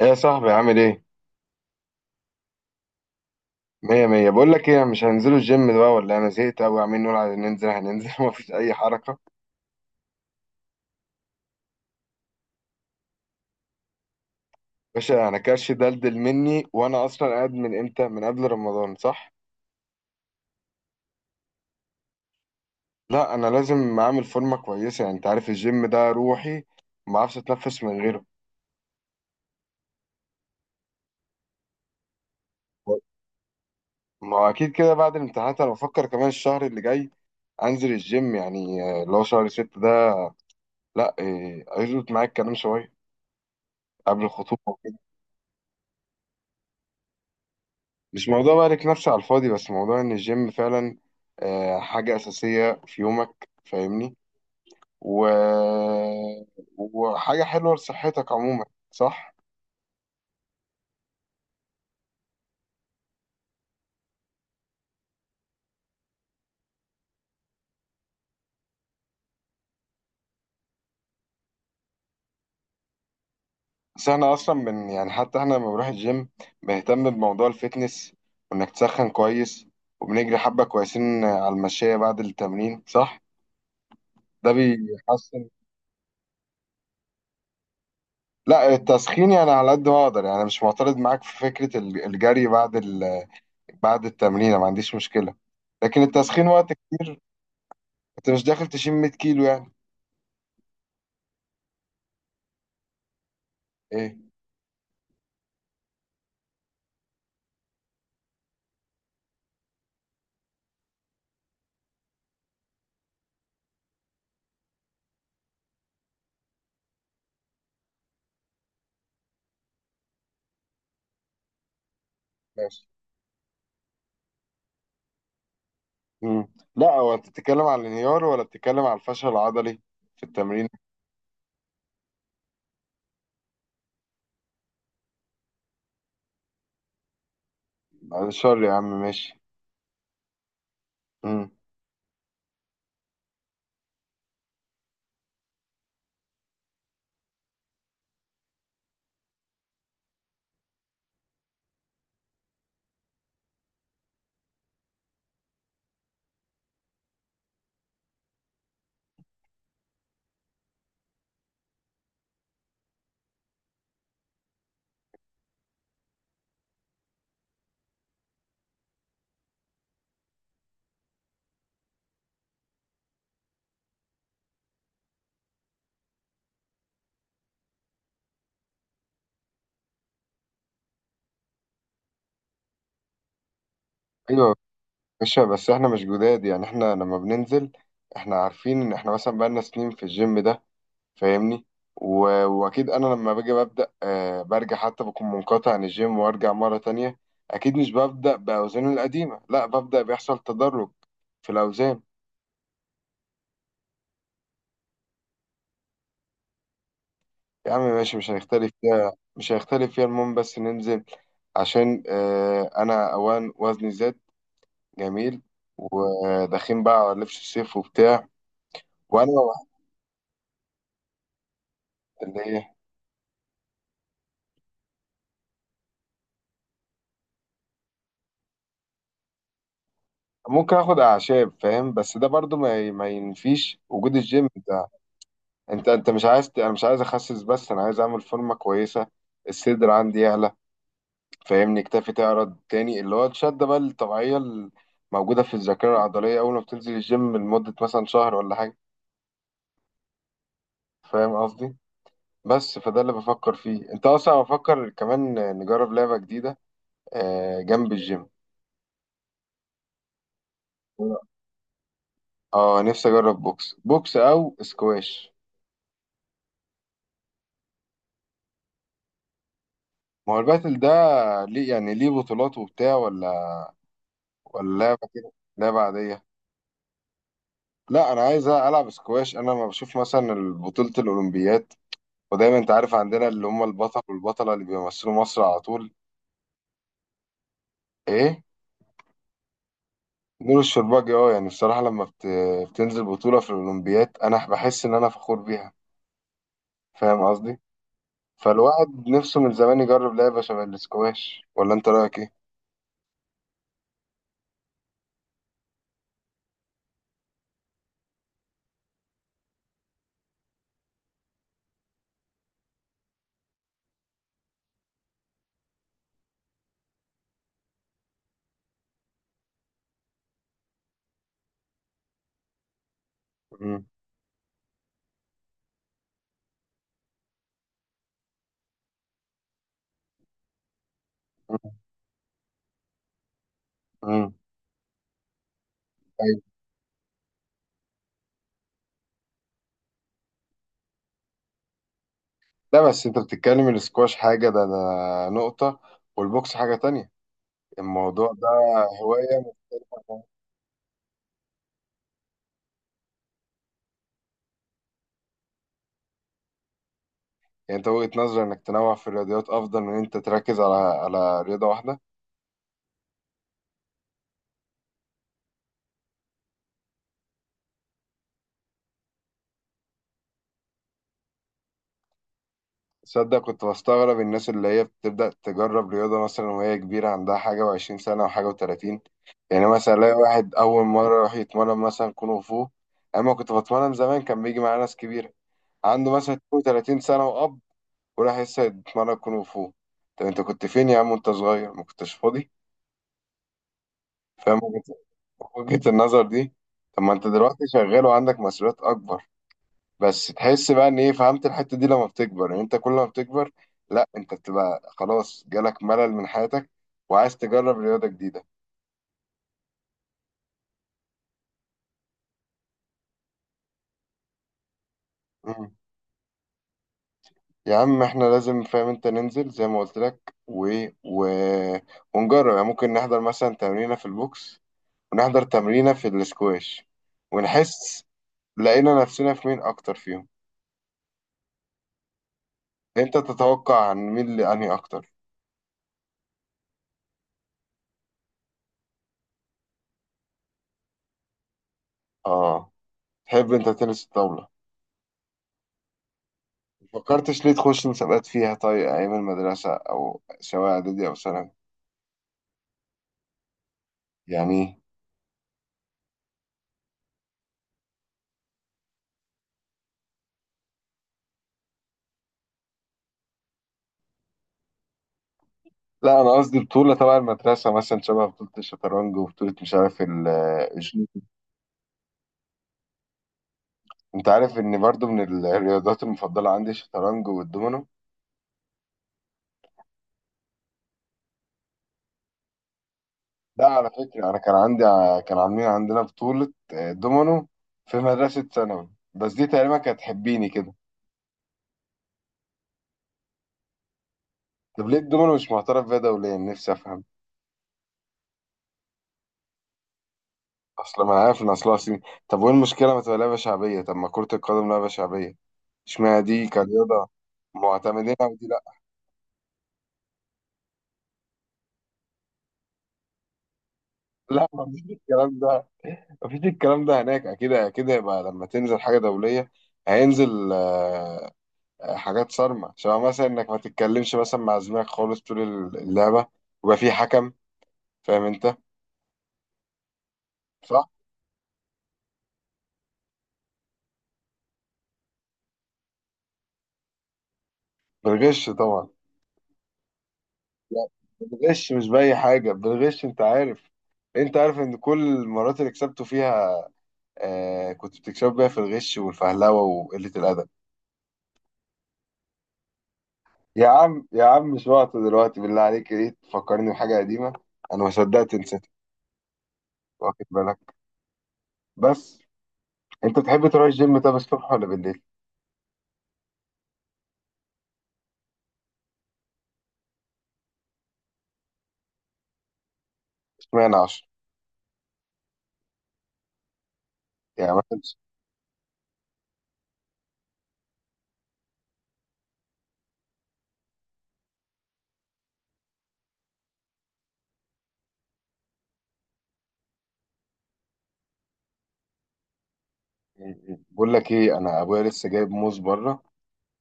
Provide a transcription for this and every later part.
ايه يا صاحبي عامل ايه؟ مية مية، بقول لك ايه، مش هننزلوا الجيم بقى؟ ولا انا زهقت قوي، عاملين نقول عايزين ننزل هننزل ومفيش اي حركة. باشا انا كرش دلدل مني، وانا اصلا قاعد من امتى؟ من قبل رمضان صح؟ لا انا لازم اعمل فورمة كويسة، يعني انت عارف الجيم ده روحي، ما اعرفش اتنفس من غيره. ما هو اكيد كده بعد الامتحانات، انا بفكر كمان الشهر اللي جاي انزل الجيم، يعني اللي هو شهر ستة ده. لا إيه، هيظبط معايا الكلام شوية قبل الخطوبة. مش موضوع بقى لك نفسي على الفاضي، بس موضوع ان الجيم فعلا حاجة أساسية في يومك، فاهمني؟ و... وحاجة حلوة لصحتك عموما، صح؟ بس احنا اصلا من، يعني حتى احنا لما بنروح الجيم بنهتم بموضوع الفتنس، وانك تسخن كويس، وبنجري حبة كويسين على المشاية بعد التمرين، صح؟ ده بيحسن. لا التسخين يعني على قد ما اقدر، يعني مش معترض معاك في فكرة الجري بعد بعد التمرين، ما عنديش مشكلة، لكن التسخين وقت كتير. انت مش داخل تشيل 100 كيلو يعني. ايه، ماشي. مم. لا هو انت بتتكلم على الانهيار ولا بتتكلم على الفشل العضلي في التمرين؟ بعد الشر يا عم، ماشي. مم. ايوه. ماشي، بس احنا مش جداد يعني، احنا لما بننزل احنا عارفين ان احنا مثلا بقالنا سنين في الجيم ده، فاهمني؟ و... واكيد انا لما باجي ببدا، برجع حتى بكون منقطع عن الجيم وارجع مره تانية، اكيد مش ببدا باوزاني القديمه، لا ببدا بيحصل تدرج في الاوزان. يا عم ماشي، مش هنختلف فيها، مش هنختلف فيها، المهم بس ننزل، عشان انا اوان وزني زاد. جميل. وداخلين بقى على لبس الصيف وبتاع. وانا واحد اللي ايه. ممكن اخد اعشاب فاهم، بس ده برضو ما ينفيش وجود الجيم ده. انت مش عايز انا مش عايز اخسس، بس انا عايز اعمل فورمه كويسه، الصدر عندي يعلى، فاهمني؟ كتافي تعرض تاني، اللي هو الشده بقى الطبيعيه الموجوده في الذاكره العضليه اول ما بتنزل الجيم لمده مثلا شهر ولا حاجه. فاهم قصدي؟ بس فده اللي بفكر فيه، انت اصلا بفكر كمان نجرب لعبة جديدة جنب الجيم. اه نفسي اجرب بوكس، او سكواش. ما هو الباتل ده ليه؟ يعني ليه بطولات وبتاع، ولا ولا لعبة كده؟ لعبة عادية؟ لا انا عايز العب سكواش. انا لما بشوف مثلا بطولة الاولمبيات، ودايما انت عارف عندنا اللي هم البطل والبطلة اللي بيمثلوا مصر على طول، ايه، نور الشرباجي. اه، يعني بصراحة لما بتنزل بطولة في الاولمبيات، انا بحس ان انا فخور بيها، فاهم قصدي؟ فالواحد نفسه من زمان يجرب لعبة شبه الاسكواش، ولا انت رأيك ايه؟ مم. مم. مم. أيوة. لا بس انت بتتكلم، الاسكواش حاجة، ده نقطة، والبوكس حاجة تانية. الموضوع ده هواية يعني. انت وجهة نظري انك تنوع في الرياضيات افضل من انت تركز على رياضة واحدة. تصدق كنت بستغرب الناس اللي هي بتبدأ تجرب رياضة مثلا وهي كبيرة، عندها حاجة وعشرين سنة وحاجة وتلاتين؟ يعني مثلا الاقي واحد أول مرة راح يتمرن مثلا كونغ فو. أما كنت بتمرن زمان، كان بيجي معايا ناس كبيرة، عنده مثلا 32 سنة وأب وراح لسه يتمرن كونغ فو. طب أنت كنت فين يا عم وأنت صغير؟ ما كنتش فاضي. فاهم وجهة وجهة النظر دي؟ طب ما أنت دلوقتي شغال وعندك مسؤوليات أكبر، بس تحس بقى إن إيه، فهمت الحتة دي؟ لما بتكبر، يعني أنت كل ما بتكبر، لا أنت بتبقى خلاص جالك ملل من حياتك وعايز تجرب رياضة جديدة. مم. يا عم احنا لازم فاهم انت ننزل زي ما قلت لك، و... ونجرب، يعني ممكن نحضر مثلا تمرينة في البوكس ونحضر تمرينة في الاسكواش ونحس لقينا نفسنا في مين أكتر فيهم. أنت تتوقع عن مين اللي أنهي أكتر؟ آه، تحب أنت تنس الطاولة؟ فكرتش ليه تخش مسابقات فيها، طيب أيام المدرسة، أو سواء إعدادي أو ثانوي يعني؟ لا أنا قصدي بطولة تبع المدرسة مثلا، شبه بطولة الشطرنج، وبطولة مش عارف الجودو. أنت عارف إن برضو من الرياضات المفضلة عندي الشطرنج والدومينو؟ لا على فكرة أنا كان عندي، كان عاملين عندنا بطولة دومينو في مدرسة ثانوي، بس دي تقريبا كانت تحبيني كده. طب ليه الدومينو مش معترف بيها دوليا؟ نفسي أفهم. أصل ما أنا عارف إن أصلها صيني، طب وإيه المشكلة ما تبقى لعبة شعبية؟ طب ما كرة القدم لعبة شعبية، إشمعنى دي كرياضة معتمدين على دي؟ لا لا، مفيش الكلام ده، مفيش الكلام ده هناك، أكيد أكيد هيبقى لما تنزل حاجة دولية هينزل حاجات صارمة شبه مثلا إنك ما تتكلمش مثلا مع زميلك خالص طول اللعبة، ويبقى في حكم. فاهم انت؟ صح. بالغش طبعا. لا بالغش، مش باي حاجه، بالغش. انت عارف، انت عارف ان كل المرات اللي كسبته فيها، آه كنت بتكسب بيها في الغش والفهلوه وقله الادب. يا عم يا عم مش وقت دلوقتي، بالله عليك ليه تفكرني بحاجه قديمه؟ انا ما صدقت نسيت. واخد بالك. بس انت بتحب تروح الجيم، طب الصبح ولا بالليل؟ اشمعنى 10؟ يعني مثلا. بقول لك ايه، انا ابويا لسه جايب موز بره،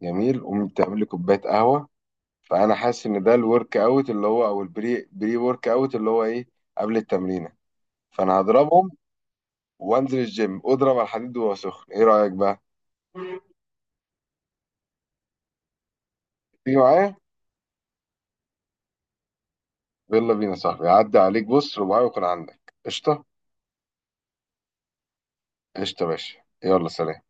جميل، قوم تعمل لي كوبايه قهوه، فانا حاسس ان ده الورك اوت اللي هو، او البري بري ورك اوت اللي هو ايه، قبل التمرينه، فانا هضربهم وانزل الجيم اضرب على الحديد وهو سخن، ايه رايك بقى؟ تيجي معايا؟ يلا بينا يا صاحبي، عدى عليك، بص رباعي ويكون عندك قشطه. قشطه يا باشا، يلا سلام.